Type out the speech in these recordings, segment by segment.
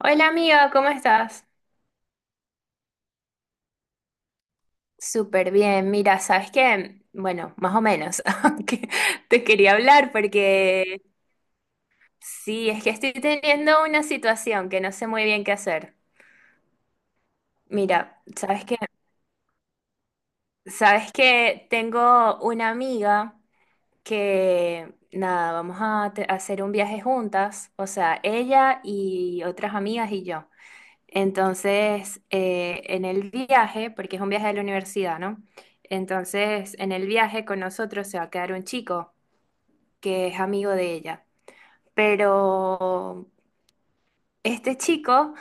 Hola amiga, ¿cómo estás? Súper bien, mira, ¿sabes qué? Bueno, más o menos, aunque te quería hablar porque sí, es que estoy teniendo una situación que no sé muy bien qué hacer. Mira, ¿sabes qué? Tengo una amiga que, nada, a hacer un viaje juntas, o sea, ella y otras amigas y yo. Entonces, en el viaje, porque es un viaje de la universidad, ¿no? Entonces, en el viaje con nosotros se va a quedar un chico que es amigo de ella. Pero este chico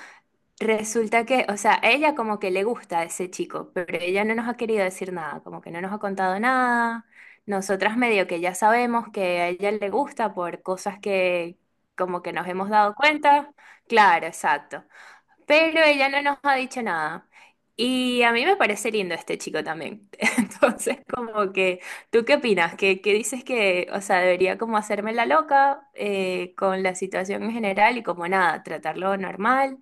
resulta que, o sea, ella como que le gusta a ese chico, pero ella no nos ha querido decir nada, como que no nos ha contado nada. Nosotras medio que ya sabemos que a ella le gusta por cosas que como que nos hemos dado cuenta. Claro, exacto. Pero ella no nos ha dicho nada. Y a mí me parece lindo este chico también. Entonces, como que, ¿tú qué opinas? ¿Qué, qué dices que, o sea, debería como hacerme la loca con la situación en general y como nada, tratarlo normal?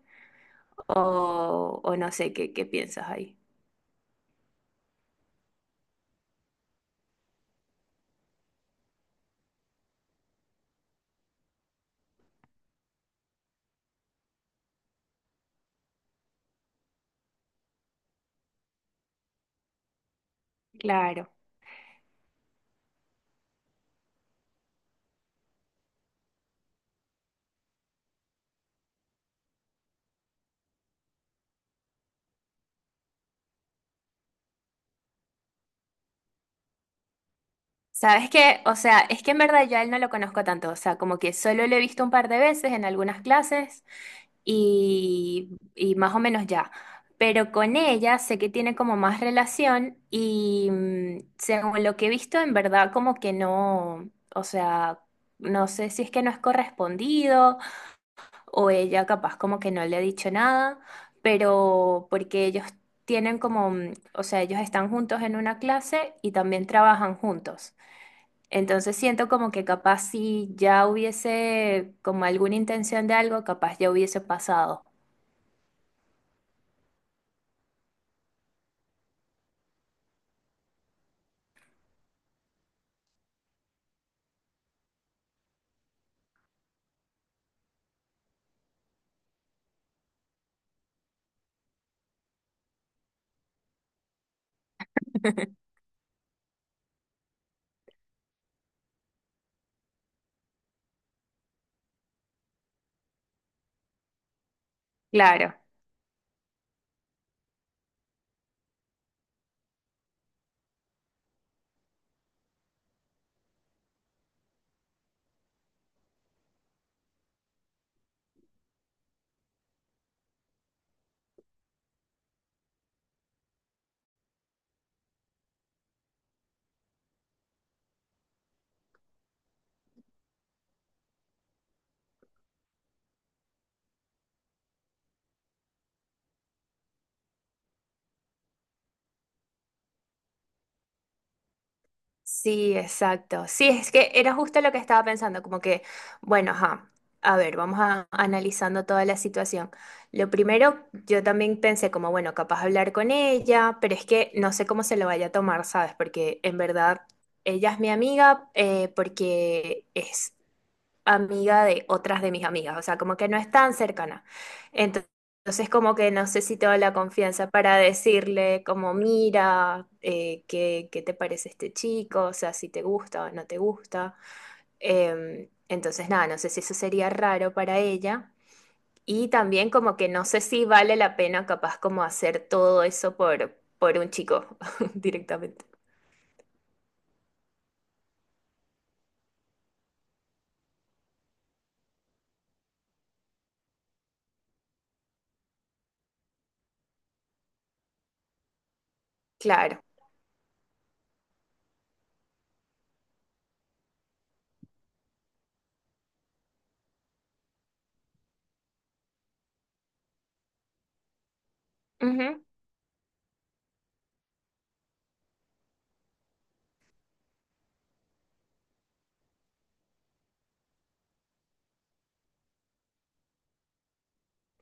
O no sé, ¿qué, qué piensas ahí? Claro. ¿Sabes qué? O sea, es que en verdad yo a él no lo conozco tanto, o sea, como que solo lo he visto un par de veces en algunas clases y más o menos ya. Pero con ella sé que tiene como más relación y según lo que he visto, en verdad como que no, o sea, no sé si es que no es correspondido o ella capaz como que no le ha dicho nada, pero porque ellos tienen como, o sea, ellos están juntos en una clase y también trabajan juntos. Entonces siento como que capaz si ya hubiese como alguna intención de algo, capaz ya hubiese pasado. Claro, sí, exacto. Sí, es que era justo lo que estaba pensando, como que, bueno, ajá, a ver, vamos a, analizando toda la situación. Lo primero, yo también pensé como, bueno, capaz hablar con ella, pero es que no sé cómo se lo vaya a tomar, ¿sabes? Porque en verdad ella es mi amiga, porque es amiga de otras de mis amigas, o sea, como que no es tan cercana. Ento- Entonces, como que no sé si tengo la confianza para decirle, como, mira, qué, qué te parece este chico, o sea, si te gusta o no te gusta. Entonces, nada, no sé si eso sería raro para ella. Y también como que no sé si vale la pena capaz como hacer todo eso por un chico directamente. Claro. Ujú.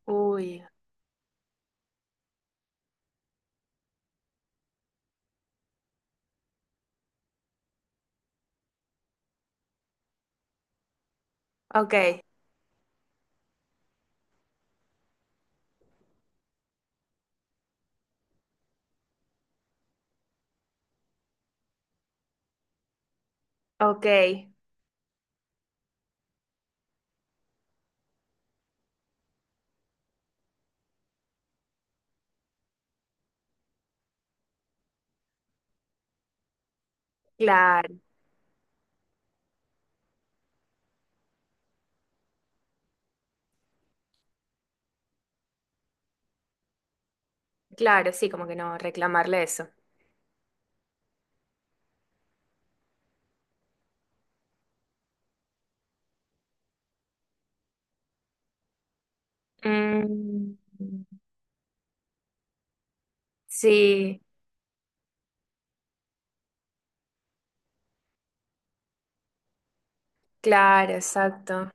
Uy, ok, ok, claro. Claro, sí, como que no reclamarle eso. Mm, sí, claro, exacto.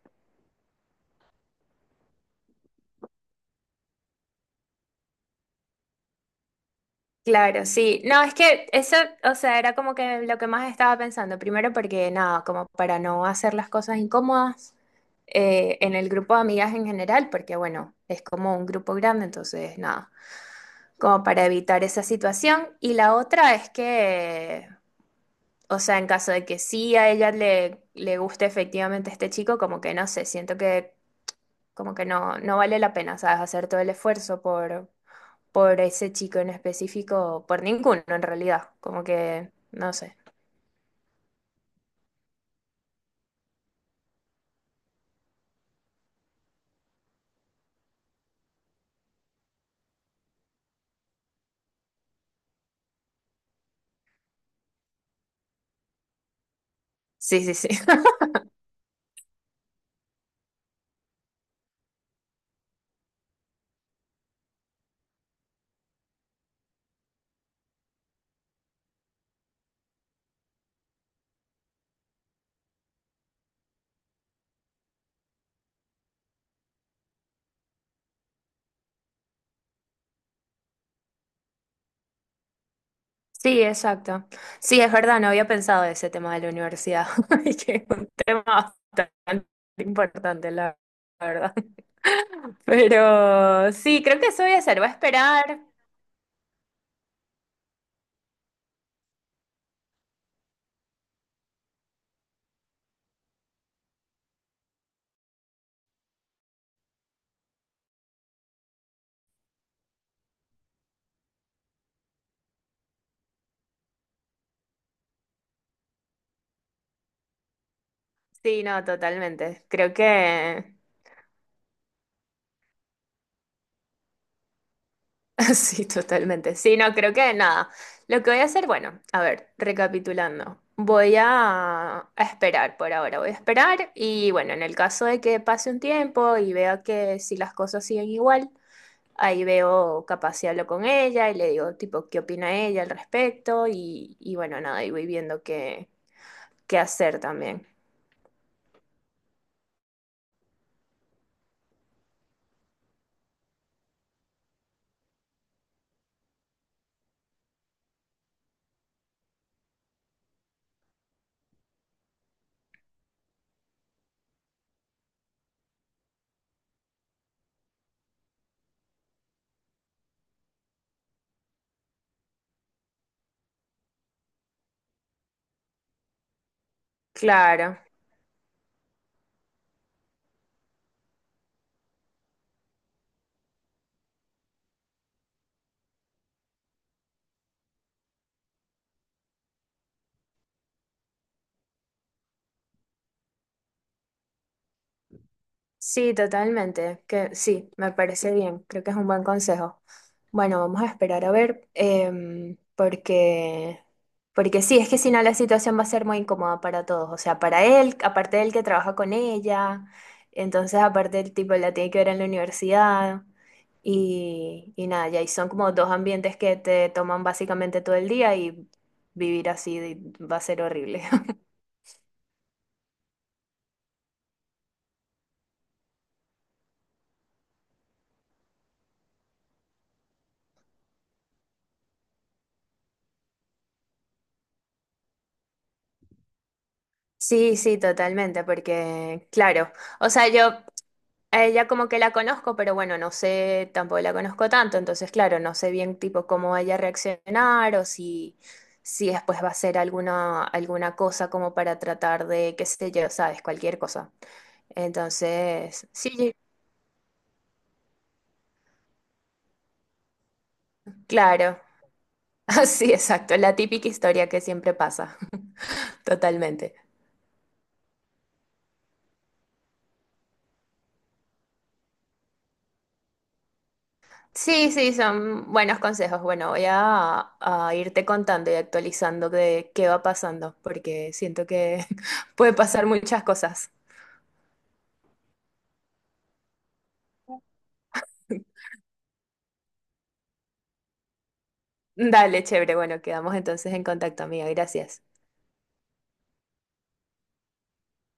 Claro, sí. No, es que eso, o sea, era como que lo que más estaba pensando. Primero porque nada, como para no hacer las cosas incómodas en el grupo de amigas en general, porque bueno, es como un grupo grande, entonces nada, como para evitar esa situación. Y la otra es que, o sea, en caso de que sí a ella le, le guste efectivamente este chico, como que no sé, siento que como que no, no vale la pena, ¿sabes? Hacer todo el esfuerzo por ese chico en específico, por ninguno en realidad. Como que, no sé. Sí, sí, sí. Sí, exacto. Sí, es verdad, no había pensado de ese tema de la universidad, y que es un tema bastante importante, la verdad. Pero sí, creo que eso voy a hacer, voy a esperar. Sí, no, totalmente. Creo que sí, totalmente. Sí, no, creo que nada. Lo que voy a hacer, bueno, a ver, recapitulando. Voy a esperar por ahora, voy a esperar y bueno, en el caso de que pase un tiempo y vea que si las cosas siguen igual, ahí veo capaz si hablo con ella y le digo tipo qué opina ella al respecto y bueno, nada, y voy viendo qué, qué hacer también. Claro. Sí, totalmente. Que sí, me parece bien. Creo que es un buen consejo. Bueno, vamos a esperar a ver, porque, porque sí, es que si no la situación va a ser muy incómoda para todos. O sea, para él, aparte del que trabaja con ella, entonces aparte el tipo la tiene que ver en la universidad y nada, ya y son como dos ambientes que te toman básicamente todo el día y vivir así de- va a ser horrible. Sí, sí, totalmente, porque claro. O sea, yo a ella como que la conozco, pero bueno, no sé, tampoco la conozco tanto, entonces claro, no sé bien tipo cómo vaya a reaccionar o si, si después va a hacer alguna, alguna cosa como para tratar de, qué sé yo, sabes, cualquier cosa. Entonces, sí, claro, sí, exacto, la típica historia que siempre pasa, totalmente. Sí, sí, son buenos consejos. Bueno, voy a irte contando y actualizando de qué va pasando, porque siento que puede pasar muchas cosas. Dale, chévere. Bueno, quedamos entonces en contacto, amiga. Gracias.